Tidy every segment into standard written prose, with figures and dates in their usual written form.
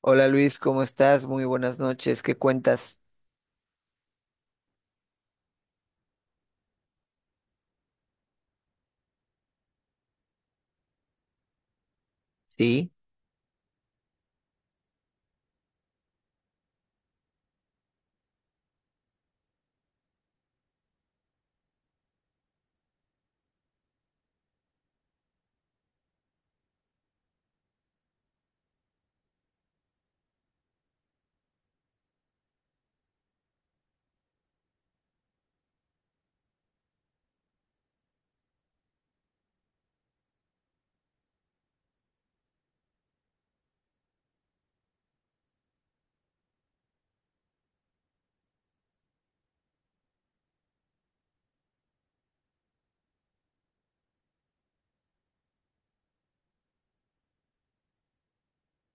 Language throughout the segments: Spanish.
Hola Luis, ¿cómo estás? Muy buenas noches. ¿Qué cuentas? Sí,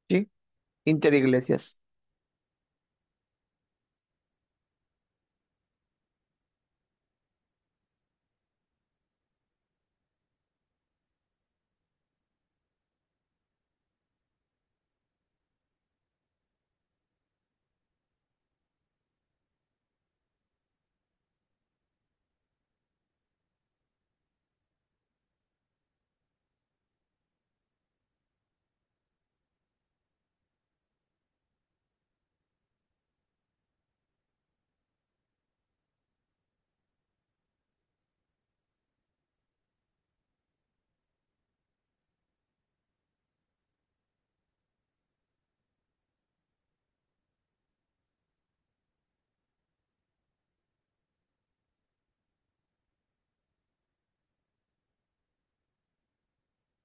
sí, Interiglesias.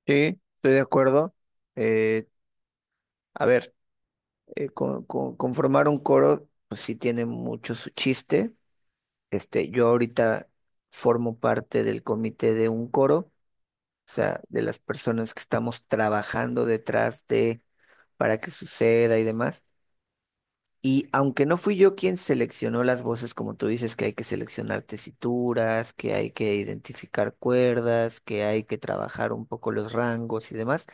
Sí, estoy de acuerdo. Eh, a ver, conformar un coro, pues sí tiene mucho su chiste. Este, yo ahorita formo parte del comité de un coro, o sea, de las personas que estamos trabajando detrás de para que suceda y demás. Y aunque no fui yo quien seleccionó las voces, como tú dices, que hay que seleccionar tesituras, que hay que identificar cuerdas, que hay que trabajar un poco los rangos y demás,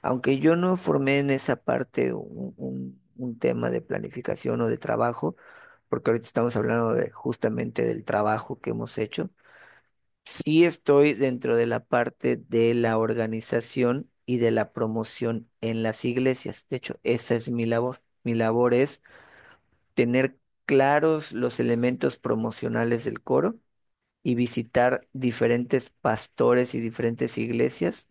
aunque yo no formé en esa parte un tema de planificación o de trabajo, porque ahorita estamos hablando de, justamente del trabajo que hemos hecho, sí estoy dentro de la parte de la organización y de la promoción en las iglesias. De hecho, esa es mi labor. Mi labor es tener claros los elementos promocionales del coro y visitar diferentes pastores y diferentes iglesias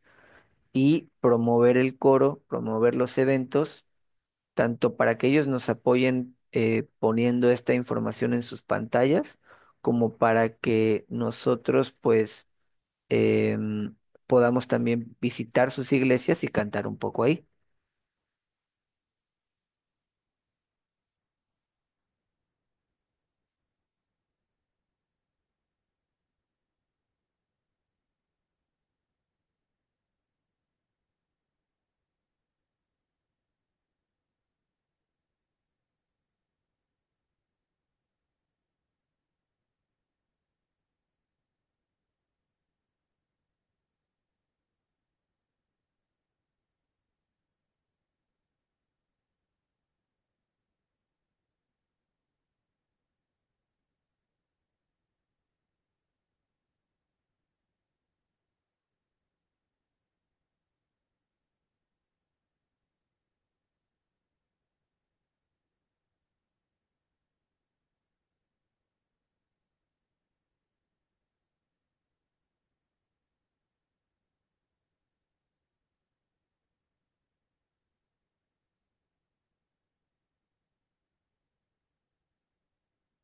y promover el coro, promover los eventos, tanto para que ellos nos apoyen poniendo esta información en sus pantallas, como para que nosotros pues em, podamos también visitar sus iglesias y cantar un poco ahí.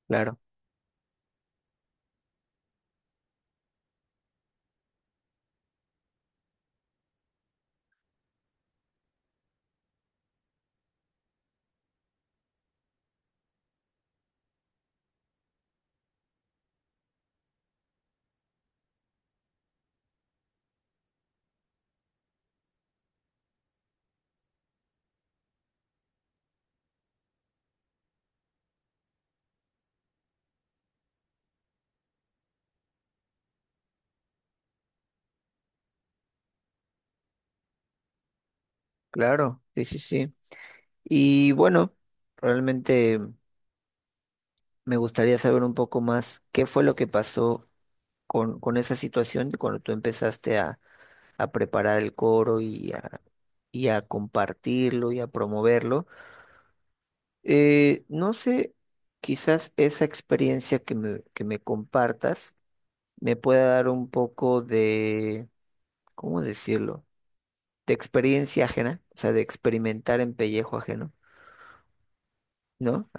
Claro, claro, sí, sí, sí. Y bueno, realmente me gustaría saber un poco más qué fue lo que pasó con esa situación de cuando tú empezaste a preparar el coro y a compartirlo y a promoverlo. No sé, quizás esa experiencia que me compartas me pueda dar un poco de, ¿cómo decirlo? De experiencia ajena, o sea, de experimentar en pellejo ajeno, ¿no?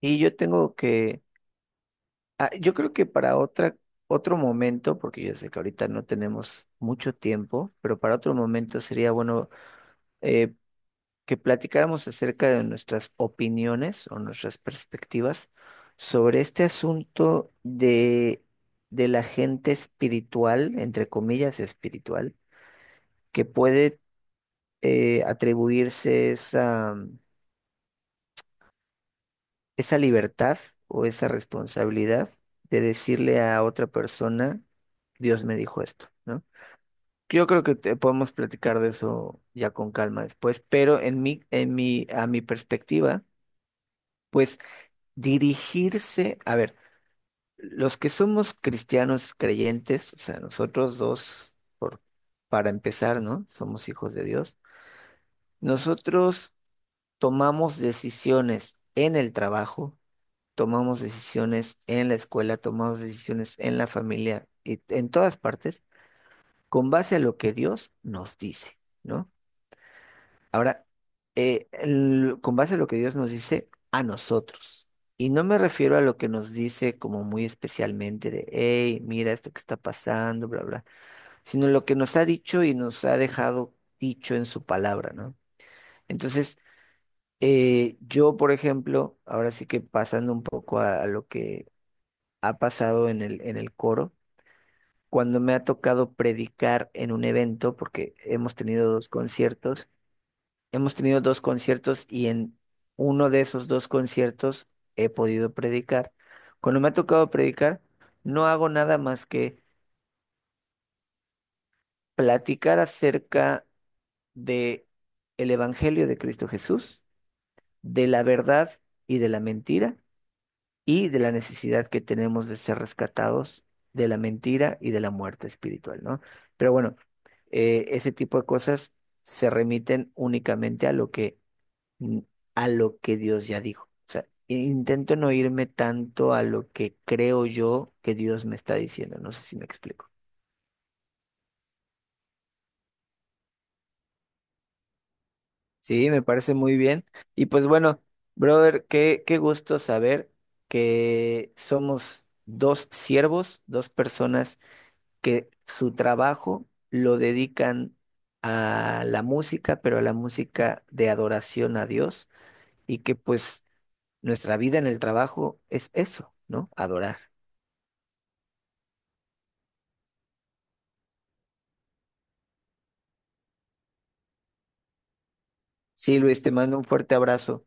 Y yo tengo que Ah, yo creo que para otra, otro momento, porque yo sé que ahorita no tenemos mucho tiempo, pero para otro momento sería bueno, eh, que platicáramos acerca de nuestras opiniones o nuestras perspectivas sobre este asunto de la gente espiritual, entre comillas espiritual, que puede atribuirse esa, esa libertad o esa responsabilidad de decirle a otra persona, Dios me dijo esto, ¿no? Yo creo que podemos platicar de eso ya con calma después, pero a mi perspectiva, pues dirigirse, a ver, los que somos cristianos creyentes, o sea, nosotros dos, por, para empezar, ¿no? Somos hijos de Dios. Nosotros tomamos decisiones en el trabajo, tomamos decisiones en la escuela, tomamos decisiones en la familia y en todas partes, con base a lo que Dios nos dice, ¿no? Ahora, con base a lo que Dios nos dice a nosotros, y no me refiero a lo que nos dice como muy especialmente de, hey, mira esto que está pasando, bla, bla, sino lo que nos ha dicho y nos ha dejado dicho en su palabra, ¿no? Entonces, yo, por ejemplo, ahora sí que pasando un poco a lo que ha pasado en el coro, cuando me ha tocado predicar en un evento, porque hemos tenido dos conciertos. Hemos tenido dos conciertos y en uno de esos dos conciertos he podido predicar. Cuando me ha tocado predicar, no hago nada más que platicar acerca de el Evangelio de Cristo Jesús, de la verdad y de la mentira y de la necesidad que tenemos de ser rescatados de la mentira y de la muerte espiritual, ¿no? Pero bueno, ese tipo de cosas se remiten únicamente a lo que mm, a lo que Dios ya dijo. O sea, intento no irme tanto a lo que creo yo que Dios me está diciendo. No sé si me explico. Sí, me parece muy bien. Y pues bueno, brother, qué, qué gusto saber que somos dos siervos, dos personas que su trabajo lo dedican a la música, pero a la música de adoración a Dios y que pues nuestra vida en el trabajo es eso, ¿no? Adorar. Sí, Luis, te mando un fuerte abrazo.